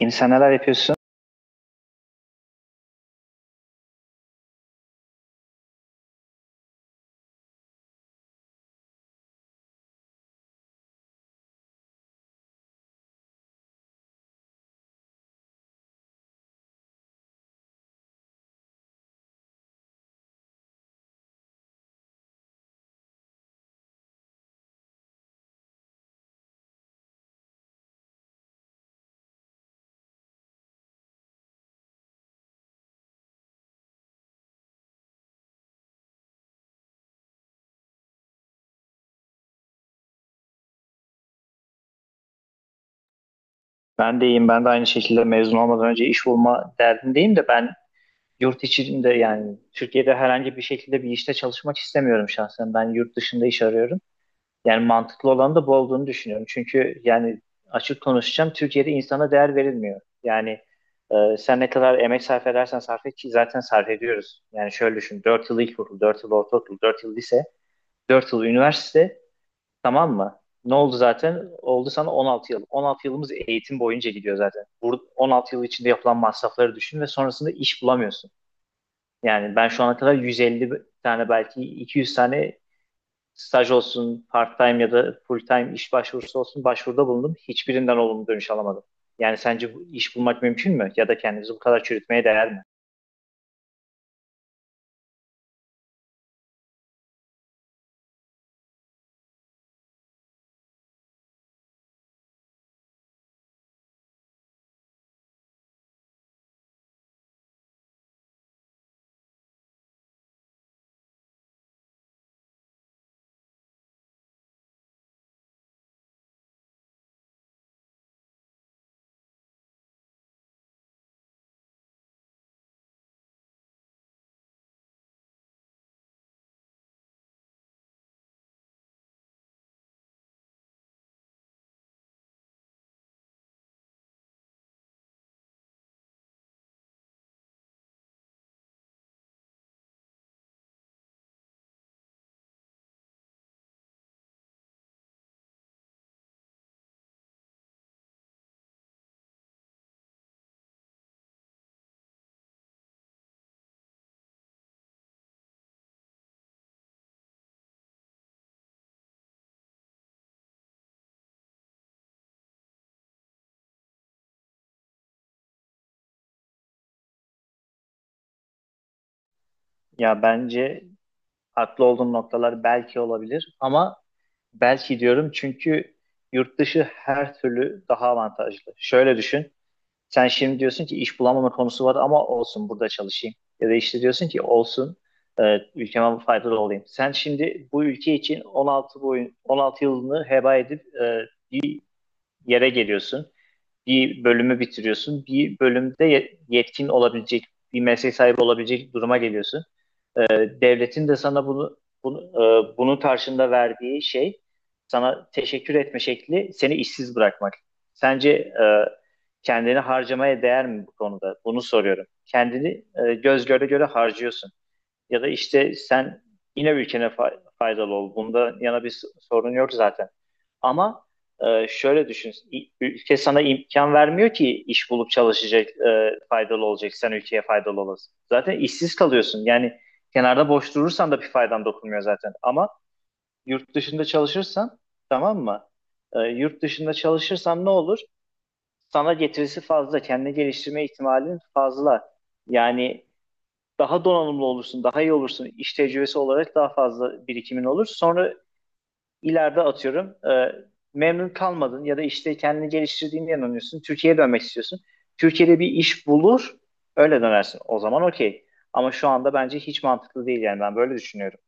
Yeni sen neler yapıyorsun? Ben de iyiyim. Ben de aynı şekilde mezun olmadan önce iş bulma derdindeyim de ben yurt içinde, yani Türkiye'de herhangi bir şekilde bir işte çalışmak istemiyorum şahsen. Ben yurt dışında iş arıyorum. Yani mantıklı olan da bu olduğunu düşünüyorum. Çünkü yani açık konuşacağım, Türkiye'de insana değer verilmiyor. Yani sen ne kadar emek sarf edersen sarf et ki zaten sarf ediyoruz. Yani şöyle düşün. Dört yıl ilkokul, 4 yıl ortaokul, 4 yıl lise, 4 yıl üniversite. Tamam mı? Ne oldu zaten? Oldu sana 16 yıl. 16 yılımız eğitim boyunca gidiyor zaten. Burada 16 yıl içinde yapılan masrafları düşün ve sonrasında iş bulamıyorsun. Yani ben şu ana kadar 150 tane, belki 200 tane staj olsun, part-time ya da full-time iş başvurusu olsun, başvuruda bulundum. Hiçbirinden olumlu dönüş alamadım. Yani sence bu iş bulmak mümkün mü? Ya da kendimizi bu kadar çürütmeye değer mi? Ya bence haklı olduğum noktalar belki olabilir ama belki diyorum çünkü yurt dışı her türlü daha avantajlı. Şöyle düşün. Sen şimdi diyorsun ki iş bulamama konusu var ama olsun, burada çalışayım. Ya da işte diyorsun ki olsun, ülkeme faydalı olayım. Sen şimdi bu ülke için 16 boyun 16 yılını heba edip yere geliyorsun. Bir bölümü bitiriyorsun. Bir bölümde yetkin olabilecek, bir meslek sahibi olabilecek duruma geliyorsun. E, Devletin de sana bunu, bunun karşında verdiği şey, sana teşekkür etme şekli, seni işsiz bırakmak. Sence kendini harcamaya değer mi bu konuda? Bunu soruyorum. Kendini göz göre göre harcıyorsun. Ya da işte sen yine ülkene faydalı ol. Bunda yana bir sorun yok zaten. Ama şöyle düşün. Ülke sana imkan vermiyor ki iş bulup çalışacak, faydalı olacak. Sen ülkeye faydalı olasın. Zaten işsiz kalıyorsun. Yani kenarda boş durursan da bir faydan dokunmuyor zaten. Ama yurt dışında çalışırsan, tamam mı? Yurt dışında çalışırsan ne olur? Sana getirisi fazla. Kendini geliştirme ihtimalin fazla. Yani daha donanımlı olursun, daha iyi olursun. İş tecrübesi olarak daha fazla birikimin olur. Sonra ileride atıyorum memnun kalmadın ya da işte kendini geliştirdiğine inanıyorsun. Türkiye'ye dönmek istiyorsun. Türkiye'de bir iş bulur, öyle dönersin. O zaman okey. Ama şu anda bence hiç mantıklı değil, yani ben böyle düşünüyorum.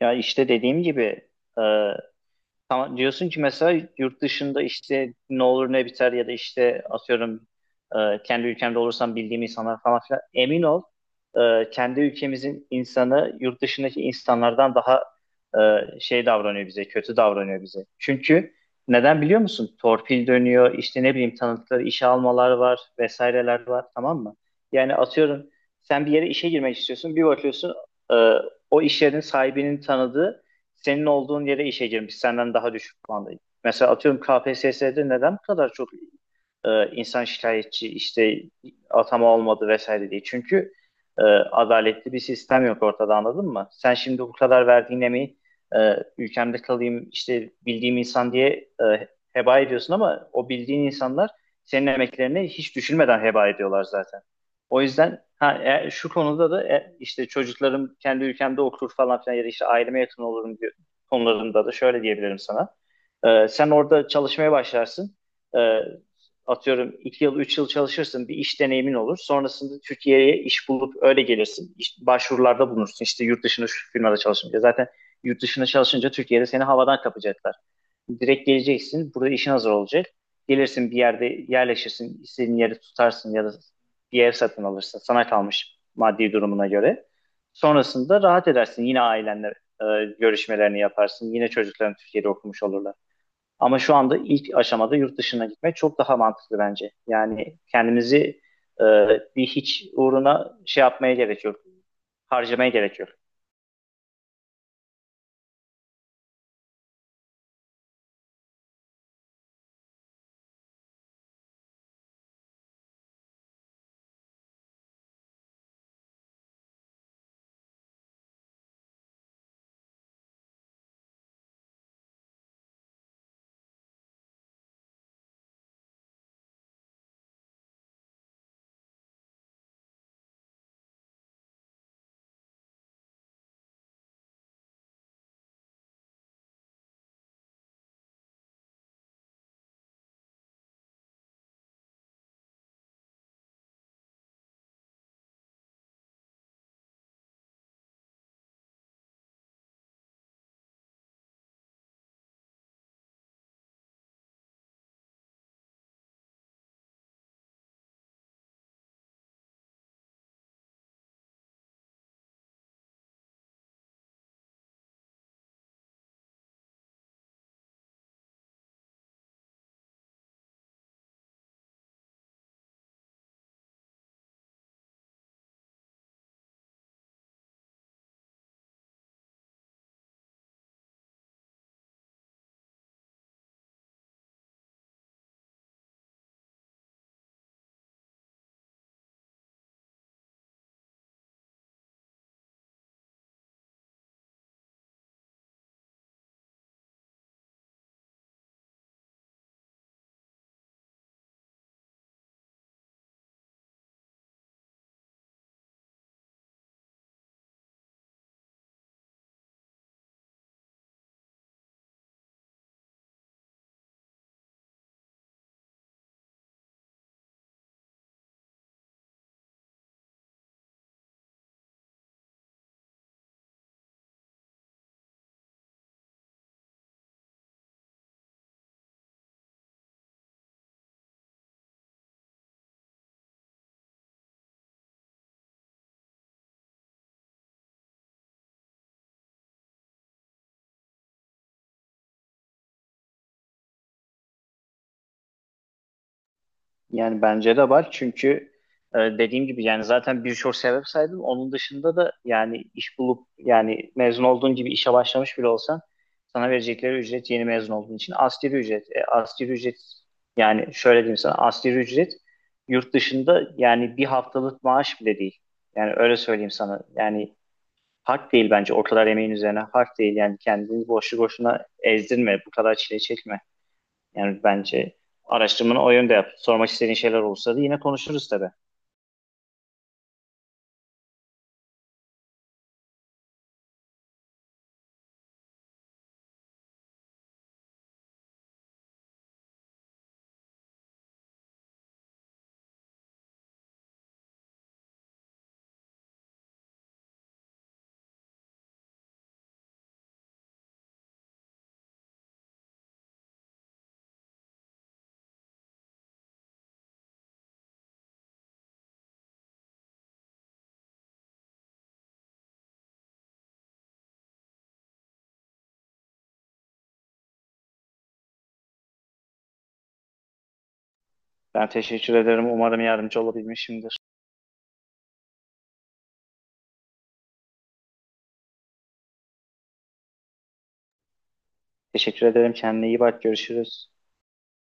Ya işte dediğim gibi, e, tamam diyorsun ki mesela yurt dışında işte ne olur ne biter, ya da işte atıyorum kendi ülkemde olursam bildiğim insanlar falan filan, emin ol, kendi ülkemizin insanı yurt dışındaki insanlardan daha şey davranıyor bize, kötü davranıyor bize. Çünkü neden biliyor musun? Torpil dönüyor, işte ne bileyim, tanıdıkları işe almalar var, vesaireler var, tamam mı? Yani atıyorum sen bir yere işe girmek istiyorsun, bir bakıyorsun e, o iş yerinin sahibinin tanıdığı senin olduğun yere işe girmiş, senden daha düşük puanda. Mesela atıyorum KPSS'de neden bu kadar çok insan şikayetçi, işte atama olmadı vesaire diye. Çünkü e, adaletli bir sistem yok ortada, anladın mı? Sen şimdi bu kadar verdiğin emeği ülkemde kalayım, işte bildiğim insan diye heba ediyorsun, ama o bildiğin insanlar senin emeklerini hiç düşünmeden heba ediyorlar zaten. O yüzden ha, şu konuda da, işte çocuklarım kendi ülkemde okur falan filan, ya da işte aileme yakın olurum diyor, konularında da şöyle diyebilirim sana. Sen orada çalışmaya başlarsın. Ee, Atıyorum 2 yıl 3 yıl çalışırsın, bir iş deneyimin olur. Sonrasında Türkiye'ye iş bulup öyle gelirsin. İş başvurularda bulunursun. İşte yurt dışında şu firmada çalışınca. Zaten yurt dışında çalışınca Türkiye'de seni havadan kapacaklar. Direkt geleceksin. Burada işin hazır olacak. Gelirsin, bir yerde yerleşirsin. İstediğin yeri tutarsın ya da bir ev satın alırsın. Sana kalmış, maddi durumuna göre. Sonrasında rahat edersin. Yine ailenle e, görüşmelerini yaparsın. Yine çocukların Türkiye'de okumuş olurlar. Ama şu anda ilk aşamada yurt dışına gitmek çok daha mantıklı bence. Yani kendimizi e, bir hiç uğruna şey yapmaya gerek yok. Harcamaya gerek yok. Yani bence de var çünkü dediğim gibi yani zaten birçok sebep saydım. Onun dışında da yani iş bulup, yani mezun olduğun gibi işe başlamış bile olsan sana verecekleri ücret, yeni mezun olduğun için, asgari ücret. E, asgari ücret, yani şöyle diyeyim sana, asgari ücret yurt dışında yani bir haftalık maaş bile değil. Yani öyle söyleyeyim sana. Yani hak değil bence, o kadar emeğin üzerine hak değil. Yani kendini boşu boşuna ezdirme, bu kadar çile çekme. Yani bence araştırmanı o yönde yap. Sormak istediğin şeyler olursa da yine konuşuruz tabii. Ben teşekkür ederim. Umarım yardımcı olabilmişimdir. Teşekkür ederim. Kendine iyi bak. Görüşürüz.